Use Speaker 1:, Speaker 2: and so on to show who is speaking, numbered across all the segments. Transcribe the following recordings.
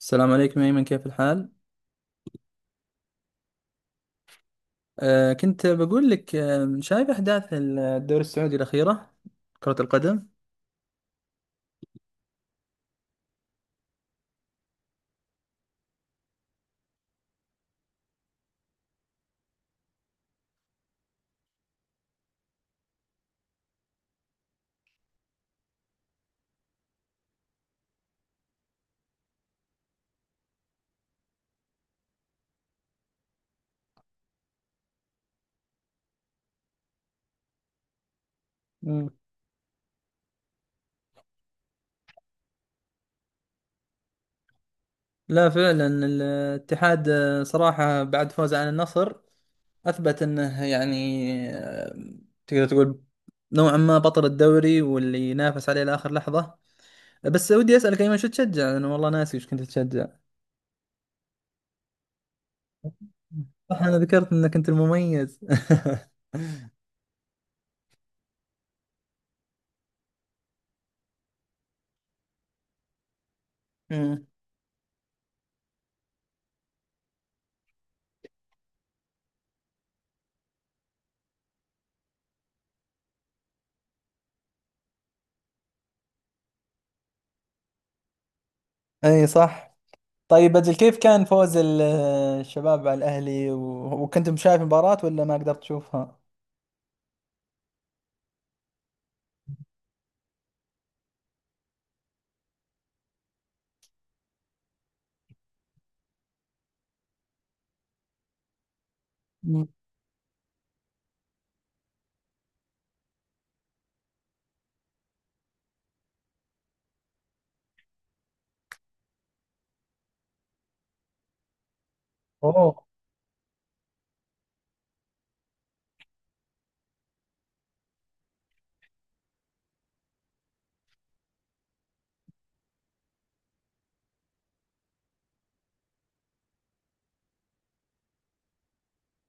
Speaker 1: السلام عليكم أيمن، كيف الحال؟ كنت بقول لك شايف أحداث الدوري السعودي الأخيرة، كرة القدم؟ مم. لا فعلا الاتحاد صراحة بعد فوزه عن النصر أثبت أنه يعني آه، تقدر تقول نوعا ما بطل الدوري واللي ينافس عليه لآخر لحظة. بس ودي أسألك أيمن، شو تشجع؟ أنا والله ناسي وش كنت تشجع. صح، أنا ذكرت أنك أنت المميز. مم. أي، صح. طيب أجل كيف كان فوز الشباب على الأهلي وكنتم شايف المباراة ولا ما قدرت تشوفها؟ مم. اوه.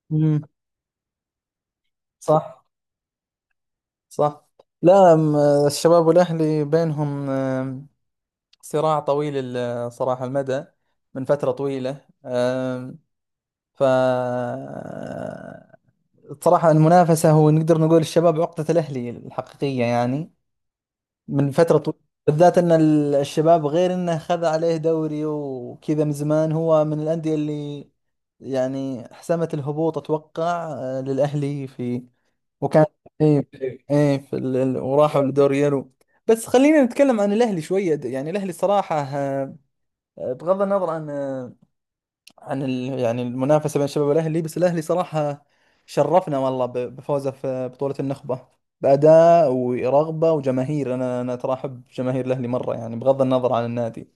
Speaker 1: مم. صح، صح. لا، الشباب والأهلي بينهم صراع طويل صراحة المدى، من فترة طويلة، ف صراحة المنافسة، هو نقدر نقول الشباب عقدة الأهلي الحقيقية يعني، من فترة طويلة. بالذات ان الشباب، غير انه خذ عليه دوري وكذا من زمان، هو من الأندية اللي يعني حسمت الهبوط اتوقع للأهلي. في وكان، اي، اي، في وراحوا لدوري يورو. بس خلينا نتكلم عن الأهلي شوية، يعني الأهلي صراحة بغض النظر عن عن يعني المنافسة بين الشباب والأهلي. بس الأهلي صراحة شرفنا والله بفوزه في بطولة النخبة، بأداء ورغبة وجماهير. أنا ترى أحب جماهير الأهلي مرة، يعني بغض النظر عن النادي.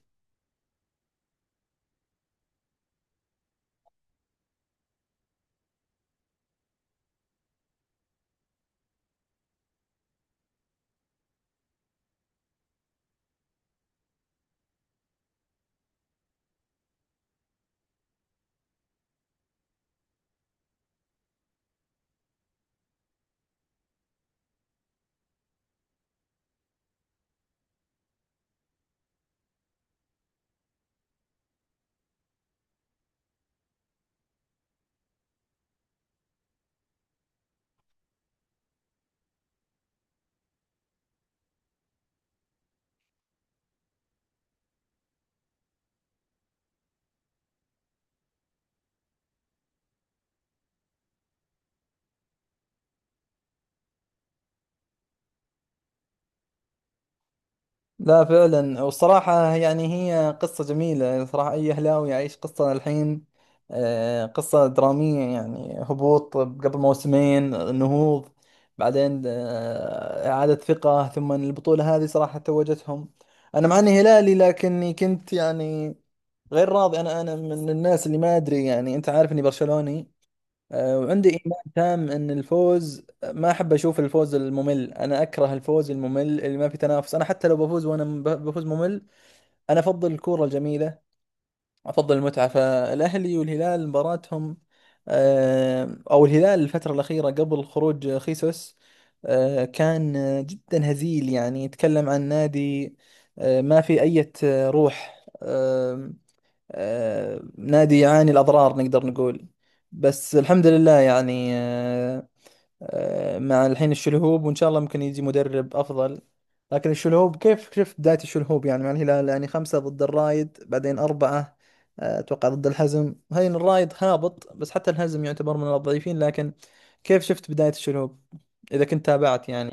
Speaker 1: لا فعلا، والصراحة يعني هي قصة جميلة صراحة، أي أهلاوي يعيش قصة الحين، قصة درامية، يعني هبوط قبل موسمين، نهوض بعدين، إعادة ثقة، ثم البطولة هذه صراحة توجتهم. أنا مع إني هلالي، لكني كنت يعني غير راضي. أنا من الناس اللي ما أدري، يعني أنت عارف إني برشلوني، وعندي إيمان تام إن الفوز، ما أحب أشوف الفوز الممل، أنا أكره الفوز الممل اللي ما في تنافس. أنا حتى لو بفوز، وأنا بفوز ممل. أنا أفضل الكورة الجميلة، أفضل المتعة. فالأهلي والهلال مباراتهم، أو الهلال الفترة الأخيرة قبل خروج خيسوس، كان جدا هزيل، يعني يتكلم عن نادي ما في أي روح، نادي يعاني الأضرار، نقدر نقول. بس الحمد لله يعني، مع الحين الشلهوب، وإن شاء الله ممكن يجي مدرب أفضل. لكن الشلهوب، كيف شفت بداية الشلهوب يعني مع الهلال؟ يعني 5 ضد الرايد، بعدين 4 أتوقع ضد الحزم. هاي الرايد هابط، بس حتى الحزم يعتبر من الضعيفين. لكن كيف شفت بداية الشلهوب، إذا كنت تابعت يعني؟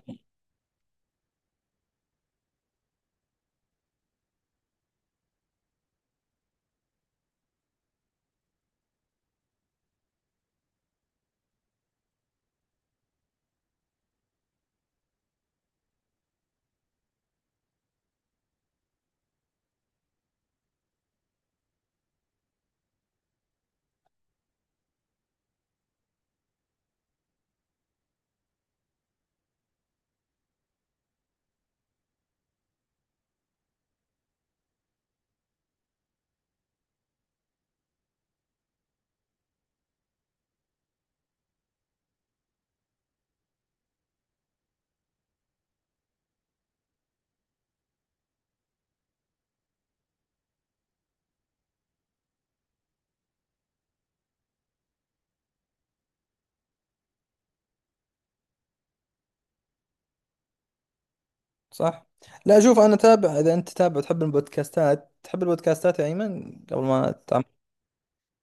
Speaker 1: صح. لا، شوف انا تابع. اذا انت تابع، تحب البودكاستات، يا ايمن، قبل ما تعم،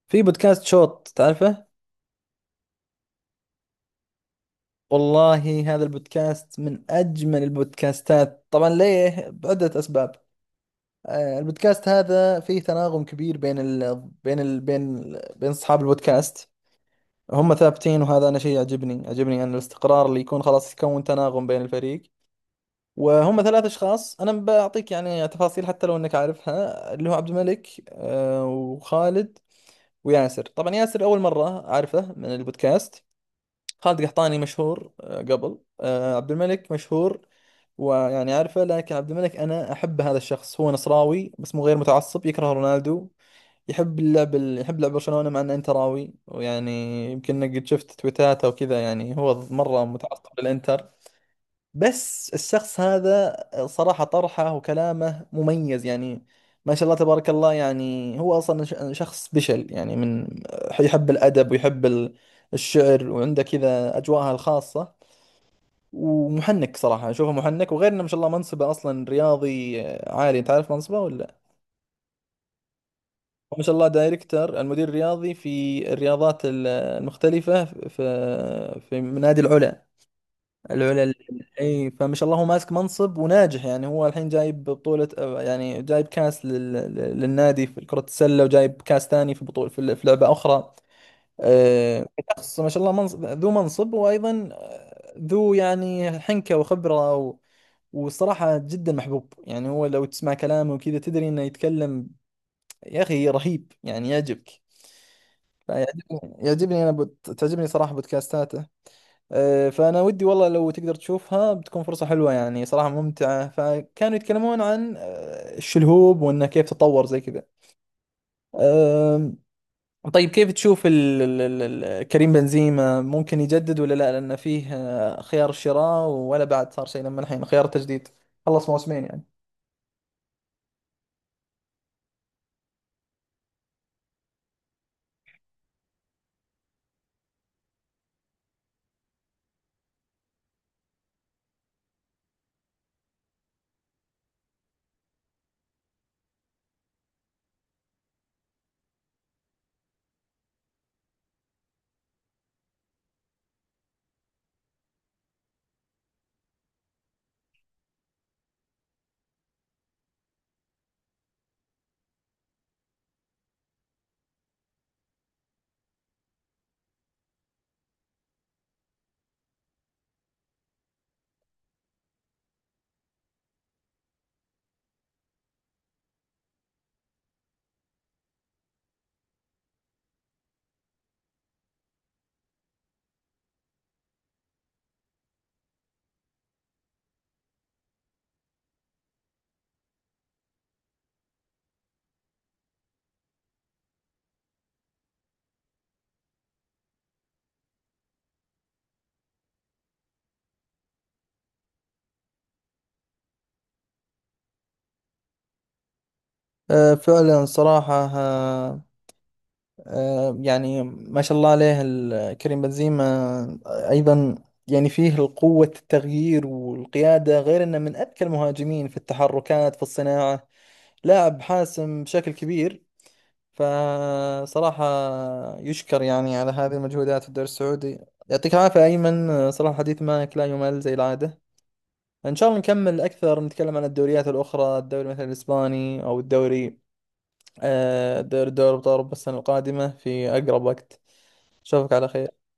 Speaker 1: في بودكاست شوت، تعرفه؟ والله هذا البودكاست من اجمل البودكاستات، طبعا ليه بعدة اسباب. البودكاست هذا فيه تناغم كبير بين اصحاب البودكاست. هم ثابتين، وهذا انا شيء يعجبني، ان الاستقرار اللي يكون خلاص، يكون تناغم بين الفريق. وهم 3 اشخاص، انا بعطيك يعني تفاصيل حتى لو انك عارفها. اللي هو عبد الملك وخالد وياسر. طبعا ياسر اول مره اعرفه من البودكاست. خالد قحطاني مشهور قبل، عبد الملك مشهور ويعني عارفه. لكن عبد الملك، انا احب هذا الشخص. هو نصراوي بس مو غير متعصب، يكره رونالدو. يحب اللعب، يحب لعب برشلونه، مع انه انتراوي. ويعني يمكن إنك قد شفت تويتاته وكذا، يعني هو مره متعصب للانتر. بس الشخص هذا، صراحة طرحه وكلامه مميز يعني، ما شاء الله تبارك الله. يعني هو أصلا شخص بشل يعني، من يحب الأدب ويحب الشعر، وعنده كذا أجواءها الخاصة. ومحنك، صراحة أشوفه محنك. وغير إنه ما شاء الله منصبه أصلا رياضي عالي. تعرف منصبه ولا؟ هو ما شاء الله دايركتر، المدير الرياضي في الرياضات المختلفة في نادي العلا، العلا. اي، فما شاء الله هو ماسك منصب وناجح. يعني هو الحين جايب بطولة، يعني جايب كاس للنادي في كرة السلة، وجايب كاس ثاني في بطولة في لعبة أخرى. آه، شخص ما شاء الله منصب، ذو منصب، وأيضا ذو يعني حنكة وخبرة والصراحة جدا محبوب. يعني هو لو تسمع كلامه وكذا، تدري انه يتكلم. يا اخي، رهيب يعني، يعجبك. فيعجبني، انا تعجبني صراحة بودكاستاته. فأنا ودي والله لو تقدر تشوفها، بتكون فرصة حلوة يعني، صراحة ممتعة. فكانوا يتكلمون عن الشلهوب، وإنه كيف تطور زي كذا. آم، طيب كيف تشوف كريم بنزيما، ممكن يجدد ولا لا؟ لأنه فيه خيار الشراء، ولا بعد صار شيء لما الحين خيار التجديد، خلص موسمين يعني. فعلا صراحة، يعني ما شاء الله عليه كريم بنزيما أيضا، يعني فيه القوة، التغيير والقيادة، غير أنه من أذكى المهاجمين في التحركات في الصناعة. لاعب حاسم بشكل كبير. فصراحة يشكر يعني على هذه المجهودات في الدوري السعودي. يعطيك العافية أيمن، صراحة الحديث معك لا يمل زي العادة. إن شاء الله نكمل أكثر، نتكلم عن الدوريات الأخرى، الدوري مثلا الإسباني، أو الدوري آه، دوري دوري أبطال أوروبا، السنة القادمة في أقرب وقت. اشوفك على خير.